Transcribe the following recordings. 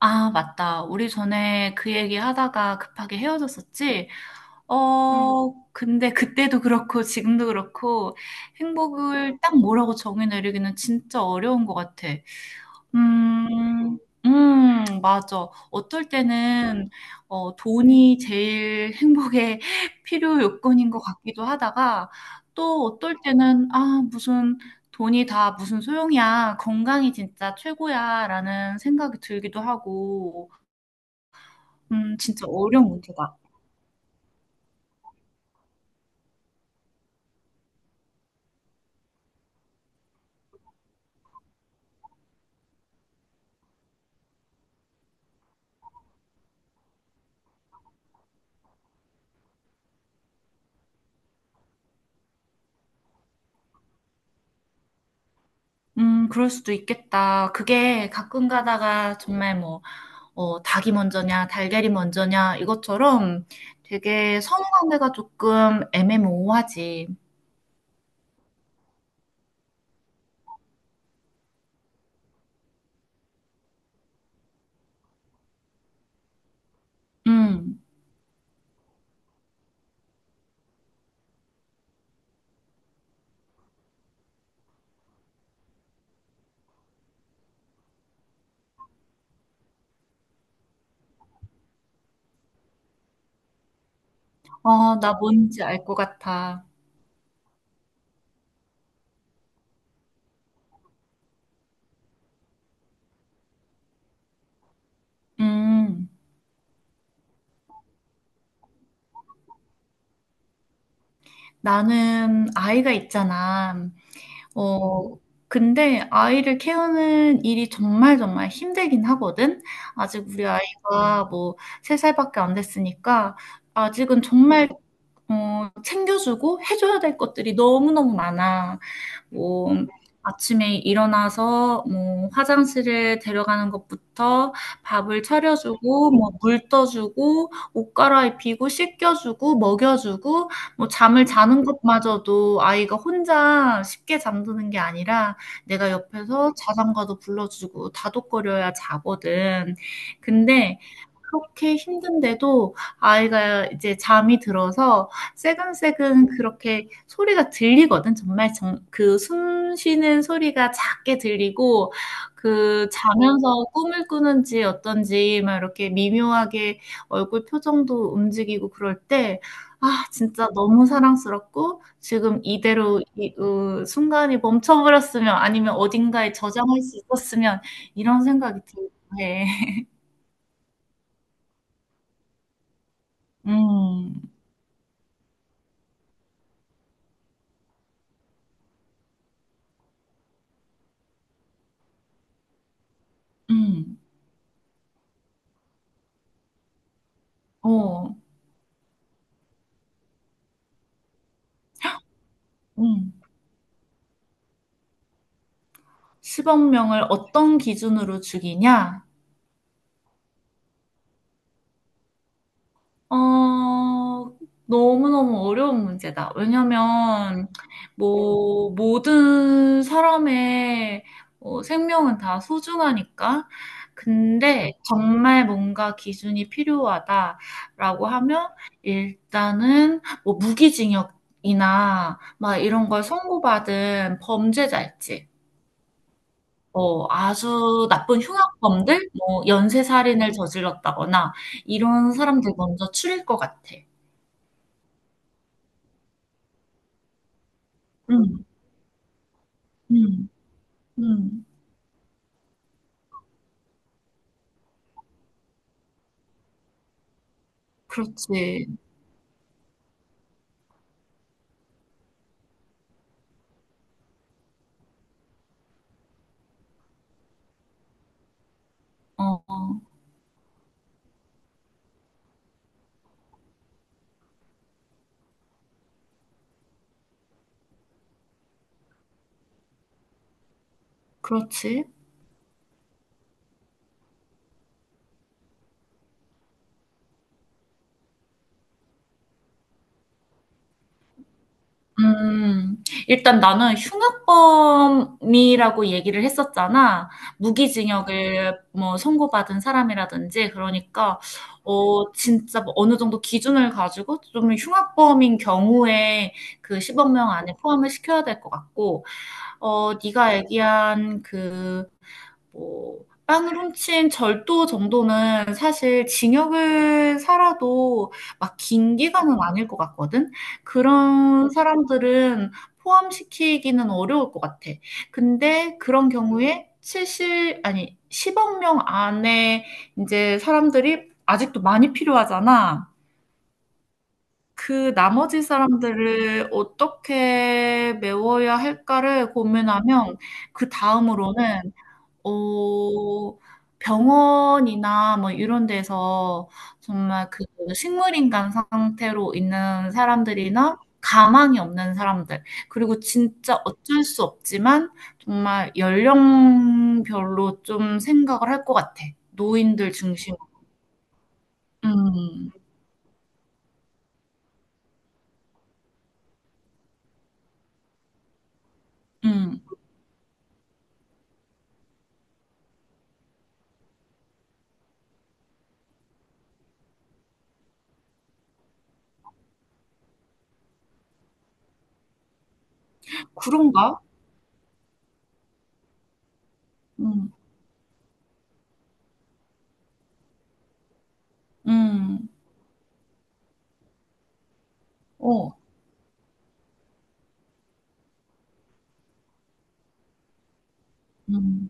아, 맞다. 우리 전에 그 얘기 하다가 급하게 헤어졌었지? 음. 근데 그때도 그렇고 지금도 그렇고 행복을 딱 뭐라고 정의 내리기는 진짜 어려운 것 같아. 음, 맞아. 어떨 때는 돈이 제일 행복의 필요 요건인 것 같기도 하다가 또 어떨 때는 아, 무슨 돈이 다 무슨 소용이야. 건강이 진짜 최고야. 라는 생각이 들기도 하고. 진짜 어려운 문제다. 그럴 수도 있겠다. 그게 가끔 가다가 정말 뭐, 닭이 먼저냐, 달걀이 먼저냐, 이것처럼 되게 선후관계가 조금 애매모호하지. 음, 나 뭔지 알 것 같아. 음, 나는 아이가 있잖아. 어, 근데 아이를 키우는 일이 정말 정말 힘들긴 하거든. 아직 우리 아이가 뭐 3살밖에 안 됐으니까 아직은 정말 챙겨주고 해줘야 될 것들이 너무너무 많아. 뭐, 아침에 일어나서 뭐 화장실에 데려가는 것부터 밥을 차려주고 뭐 물 떠주고 옷 갈아입히고 씻겨주고 먹여주고 뭐 잠을 자는 것마저도 아이가 혼자 쉽게 잠드는 게 아니라 내가 옆에서 자장가도 불러주고 다독거려야 자거든. 근데 그렇게 힘든데도 아이가 이제 잠이 들어서 세근세근 그렇게 소리가 들리거든. 정말 정 그 숨 쉬는 소리가 작게 들리고 그 자면서 꿈을 꾸는지 어떤지 막 이렇게 미묘하게 얼굴 표정도 움직이고 그럴 때 아 진짜 너무 사랑스럽고 지금 이대로 이 으 순간이 멈춰버렸으면 아니면 어딘가에 저장할 수 있었으면 이런 생각이 들기도 해. 음. 음. 어. 음. 10억 명을 어떤 기준으로 죽이냐? 어, 너무너무 어려운 문제다. 왜냐면, 뭐, 모든 사람의 생명은 다 소중하니까. 근데 정말 뭔가 기준이 필요하다라고 하면, 일단은 뭐 무기징역이나 막 이런 걸 선고받은 범죄자 있지. 아주 나쁜 흉악범들 뭐 연쇄살인을 저질렀다거나 이런 사람들 먼저 추릴 것 같아. 음. 음. 음. 그렇지. 어. 그렇지. 음. 일단 나는 흉악범이라고 얘기를 했었잖아. 무기징역을 뭐 선고받은 사람이라든지 그러니까 진짜 뭐 어느 정도 기준을 가지고 좀 흉악범인 경우에 그 10억 명 안에 포함을 시켜야 될 것 같고 네가 얘기한 그, 뭐, 빵을 훔친 절도 정도는 사실 징역을 살아도 막 긴 기간은 아닐 것 같거든? 그런 사람들은 포함시키기는 어려울 것 같아. 근데 그런 경우에 칠십 아니, 10억 명 안에 이제 사람들이 아직도 많이 필요하잖아. 그 나머지 사람들을 어떻게 메워야 할까를 고민하면 그 다음으로는 어 병원이나 뭐 이런 데서 정말 그 식물인간 상태로 있는 사람들이나 가망이 없는 사람들 그리고 진짜 어쩔 수 없지만 정말 연령별로 좀 생각을 할 것 같아. 노인들 중심으로. 음. 음. 그런가? 음. 음. 어. 음.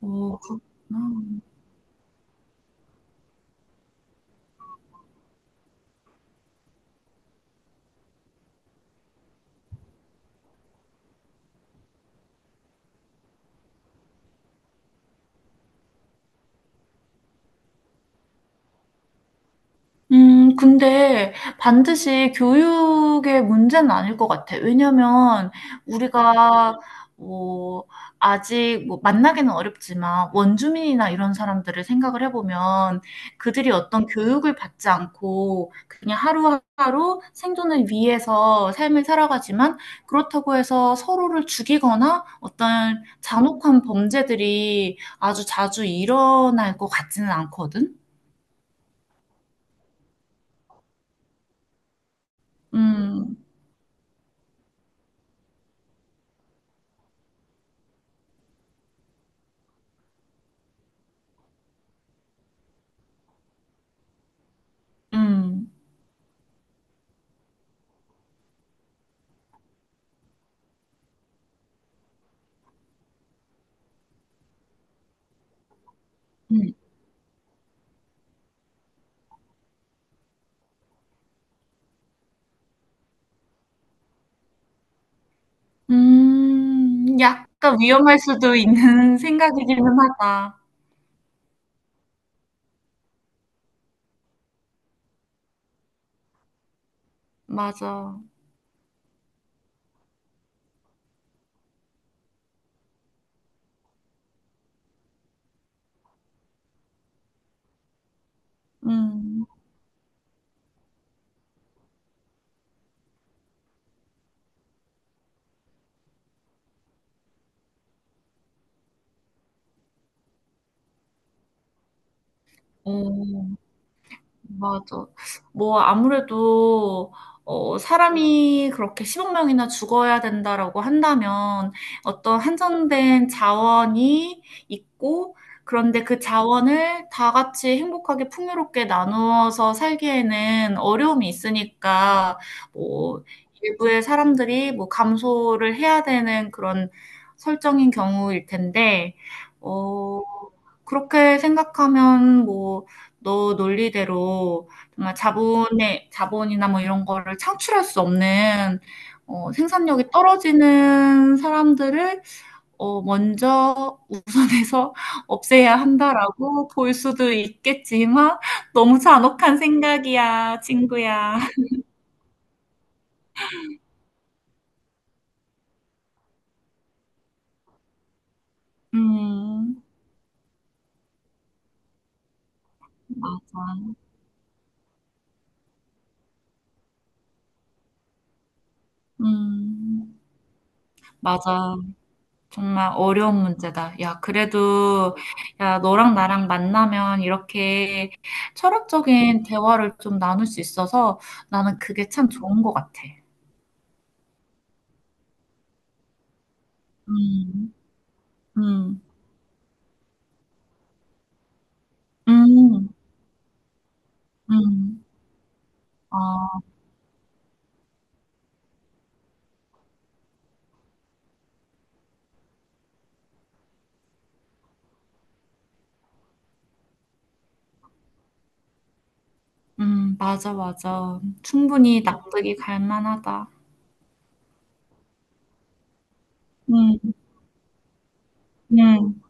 어, 그렇구나. 근데 반드시 교육의 문제는 아닐 것 같아. 왜냐면 우리가 뭐 아직 뭐 만나기는 어렵지만 원주민이나 이런 사람들을 생각을 해보면 그들이 어떤 교육을 받지 않고 그냥 하루하루 생존을 위해서 삶을 살아가지만 그렇다고 해서 서로를 죽이거나 어떤 잔혹한 범죄들이 아주 자주 일어날 것 같지는 않거든. 음. 음. 음. 약간 위험할 수도 있는 생각이기는 하다. 맞아. 음. 어. 맞아. 뭐, 아무래도, 사람이 그렇게 10억 명이나 죽어야 된다라고 한다면 어떤 한정된 자원이 있고, 그런데 그 자원을 다 같이 행복하게 풍요롭게 나누어서 살기에는 어려움이 있으니까, 뭐, 일부의 사람들이 뭐 감소를 해야 되는 그런 설정인 경우일 텐데, 어, 그렇게 생각하면 뭐, 너 논리대로 정말 자본의 자본이나 뭐 이런 거를 창출할 수 없는 생산력이 떨어지는 사람들을 먼저 우선해서 없애야 한다라고 볼 수도 있겠지만 너무 잔혹한 생각이야, 친구야. 음, 맞아. 음, 맞아. 정말 어려운 문제다. 야, 그래도, 야, 너랑 나랑 만나면 이렇게 철학적인 대화를 좀 나눌 수 있어서 나는 그게 참 좋은 것 같아. 음. 음. 음. 음. 아. 맞아, 맞아. 충분히 납득이 갈 만하다. 음. 음.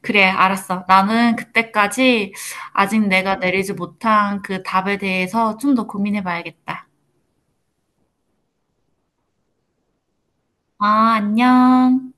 그래, 알았어. 나는 그때까지 아직 내가 내리지 못한 그 답에 대해서 좀 더 고민해 봐야겠다. 아, 안녕.